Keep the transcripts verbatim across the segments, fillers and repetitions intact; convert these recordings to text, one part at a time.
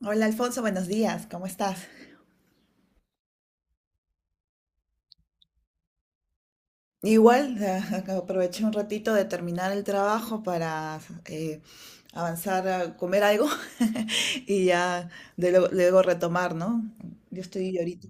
Hola Alfonso, buenos días, ¿cómo estás? Igual, eh, aproveché un ratito de terminar el trabajo para eh, avanzar a comer algo y ya de luego, luego retomar, ¿no? Yo estoy ahorita.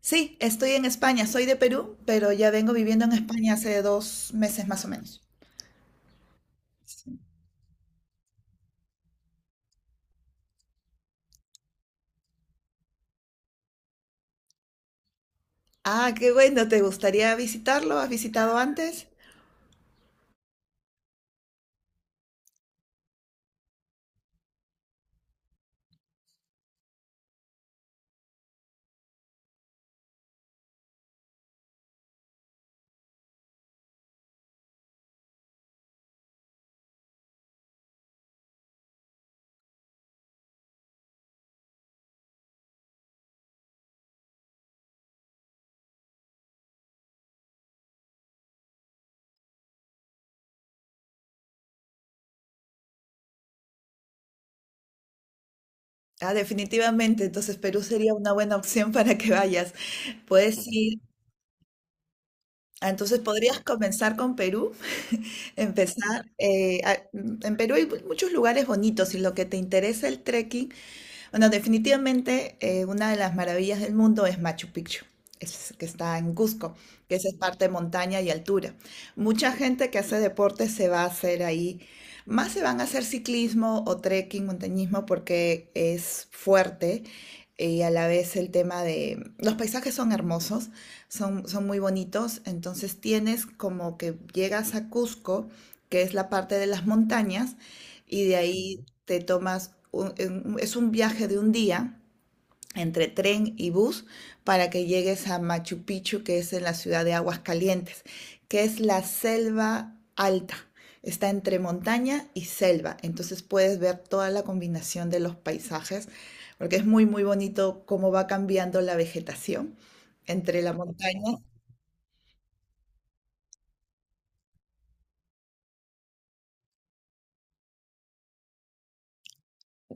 Sí, estoy en España, soy de Perú, pero ya vengo viviendo en España hace dos meses más o menos. Sí. Ah, qué bueno, ¿te gustaría visitarlo? ¿Has visitado antes? Ah, definitivamente, entonces Perú sería una buena opción para que vayas. Puedes ir, ah, entonces podrías comenzar con Perú. Empezar. Eh, a- en Perú hay muchos lugares bonitos y lo que te interesa, el trekking, bueno, definitivamente, eh, una de las maravillas del mundo es Machu Picchu, es- que está en Cusco, que esa es parte de montaña y altura. Mucha gente que hace deporte se va a hacer ahí, más se van a hacer ciclismo o trekking, montañismo, porque es fuerte, eh, y a la vez el tema de los paisajes. Son hermosos, son, son muy bonitos, entonces tienes, como que llegas a Cusco, que es la parte de las montañas, y de ahí te tomas, un- en- es un viaje de un día entre tren y bus para que llegues a Machu Picchu, que es en la ciudad de Aguascalientes, que es la selva alta. Está entre montaña y selva, entonces puedes ver toda la combinación de los paisajes, porque es muy, muy bonito cómo va cambiando la vegetación entre la montaña.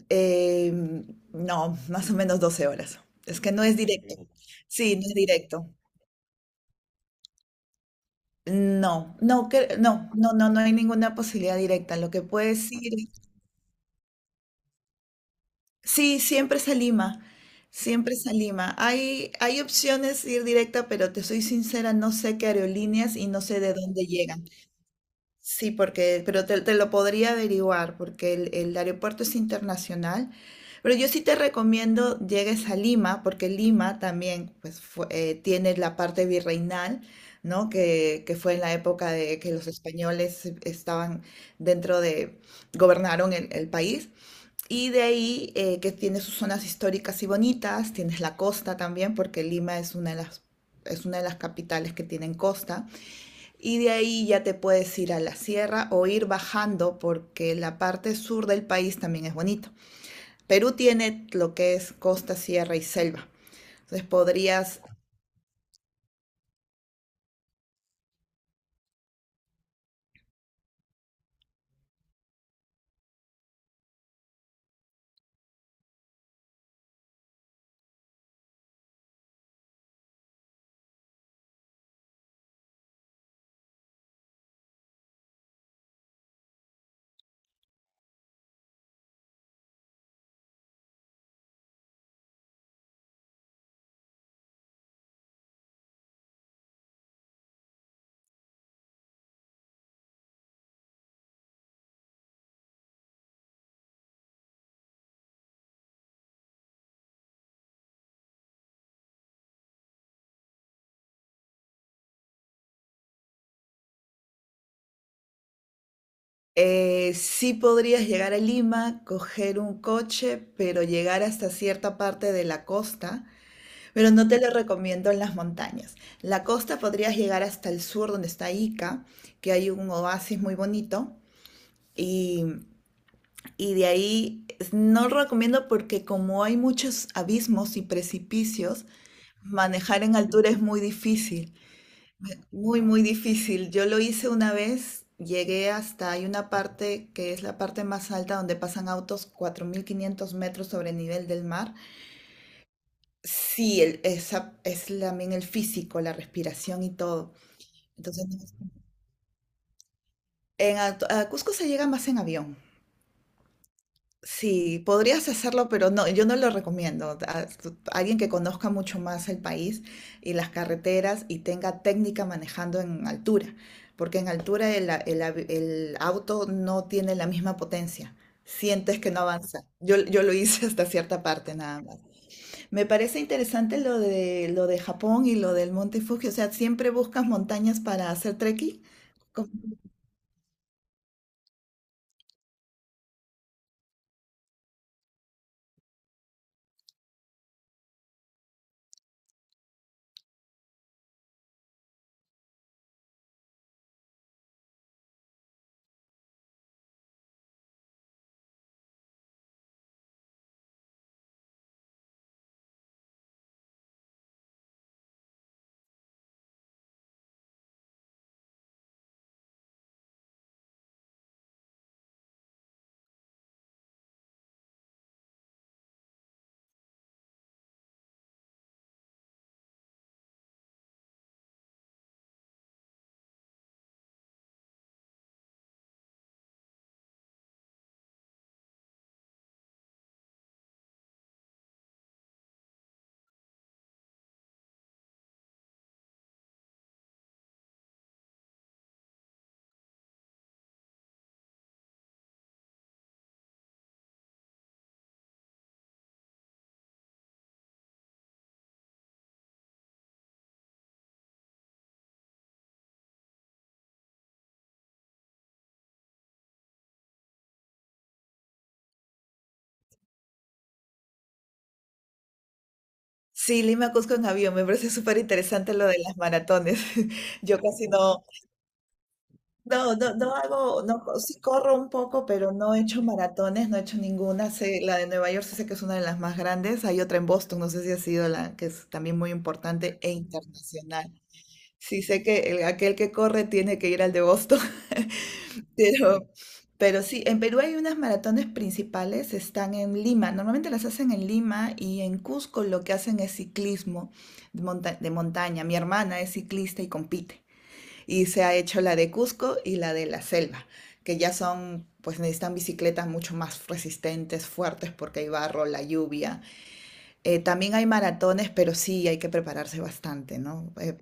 eh, no, más o menos doce horas. Es que no es directo. Mm. Sí, no es directo. No, no, cre- no, no, no, no hay ninguna posibilidad directa. Lo que puedes ir, es... Sí, siempre es a Lima, siempre es a Lima. Hay, hay opciones de ir directa, pero te soy sincera, no sé qué aerolíneas y no sé de dónde llegan. Sí, porque, pero te, te lo podría averiguar, porque el, el aeropuerto es internacional. Pero yo sí te recomiendo llegues a Lima, porque Lima también pues, fue- eh, tiene la parte virreinal, ¿no? Que, que fue en la época de que los españoles estaban dentro de, gobernaron el, el país. Y de ahí, eh, que tiene sus zonas históricas y bonitas, tienes la costa también, porque Lima es una de las, es una de las capitales que tienen costa. Y de ahí ya te puedes ir a la sierra o ir bajando porque la parte sur del país también es bonito. Perú tiene lo que es costa, sierra y selva. Entonces podrías, eh, sí, podrías llegar a Lima, coger un coche, pero llegar hasta cierta parte de la costa, pero no te lo recomiendo en las montañas. La costa podrías llegar hasta el sur donde está Ica, que hay un oasis muy bonito. Y Y de ahí no lo recomiendo porque como hay muchos abismos y precipicios, manejar en altura es muy difícil, muy, muy difícil. Yo lo hice una vez, llegué hasta, hay una parte que es la parte más alta donde pasan autos, cuatro mil quinientos metros sobre el nivel del mar. Sí, el- esa es también el físico, la respiración y todo. Entonces, no es... en, a, a Cusco se llega más en avión. Sí, podrías hacerlo, pero no, yo no lo recomiendo. A- tu- Alguien que conozca mucho más el país y las carreteras y tenga técnica manejando en altura, porque en altura el, a- el avi- el auto no tiene la misma potencia. Sientes que no avanza. Yo, yo lo hice hasta cierta parte nada más. Me parece interesante lo de, lo de Japón y lo del Monte Fuji. O sea, ¿siempre buscas montañas para hacer trekking? Sí, Lima a Cusco en avión. Me parece súper interesante lo de las maratones. Yo casi no, no, no, no hago, no, co- sí corro un poco, pero no he hecho maratones, no he hecho ninguna. Sé- la de Nueva York sí sé que es una de las más grandes. Hay otra en Boston, no sé si ha sido la que es también muy importante e internacional. Sí sé que el- aquel que corre tiene que ir al de Boston. Pero, pero sí, en Perú hay unas maratones principales, están en Lima. Normalmente las hacen en Lima y en Cusco lo que hacen es ciclismo de monta- de montaña. Mi hermana es ciclista y compite. Y se ha hecho la de Cusco y la de la selva, que ya son, pues necesitan bicicletas mucho más resistentes, fuertes, porque hay barro, la lluvia. Eh, también hay maratones, pero sí hay que prepararse bastante, ¿no? Eh,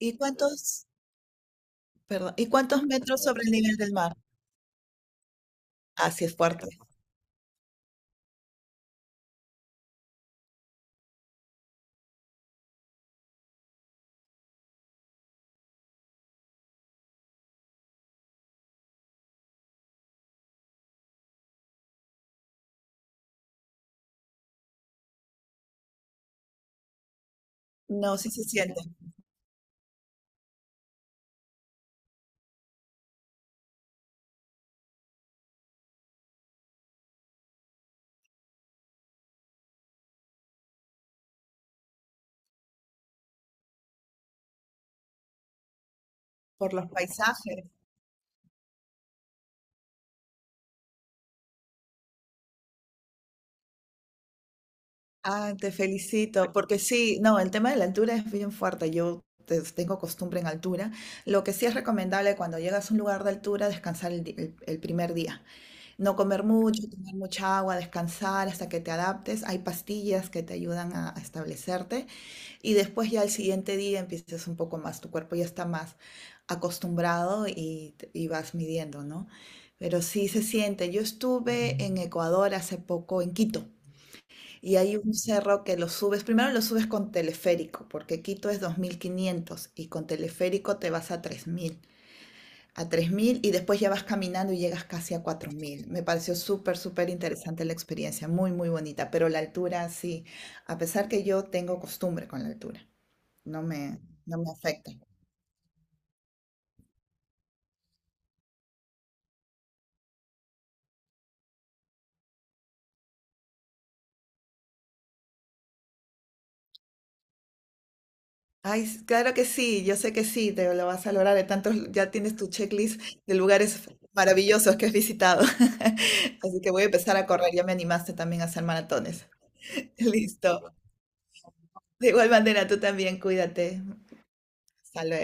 ¿y cuántos, perdón, ¿y cuántos metros sobre el nivel del mar? Así es fuerte. No, sí se siente por los paisajes. Ah, te felicito, porque sí, no, el tema de la altura es bien fuerte. Yo te- tengo costumbre en altura. Lo que sí es recomendable cuando llegas a un lugar de altura, descansar el, di- el- el primer día. No comer mucho, tomar mucha agua, descansar hasta que te adaptes. Hay pastillas que te ayudan a a establecerte. Y después ya al siguiente día empiezas un poco más, tu cuerpo ya está más acostumbrado y, y vas midiendo, ¿no? Pero sí se siente. Yo estuve en Ecuador hace poco, en Quito, y hay un cerro que lo subes, primero lo subes con teleférico, porque Quito es dos mil quinientos y con teleférico te vas a tres mil, a tres mil, y después ya vas caminando y llegas casi a cuatro mil. Me pareció súper, súper interesante la experiencia, muy, muy bonita, pero la altura sí, a pesar que yo tengo costumbre con la altura, no me, no me afecta. Ay, s- claro que sí, yo sé que sí, te lo vas a lograr. De tantos, ya tienes tu checklist de lugares maravillosos que has visitado. Así que voy a empezar a correr, ya me animaste también a hacer maratones. Listo. De igual manera, tú también, cuídate. Hasta luego.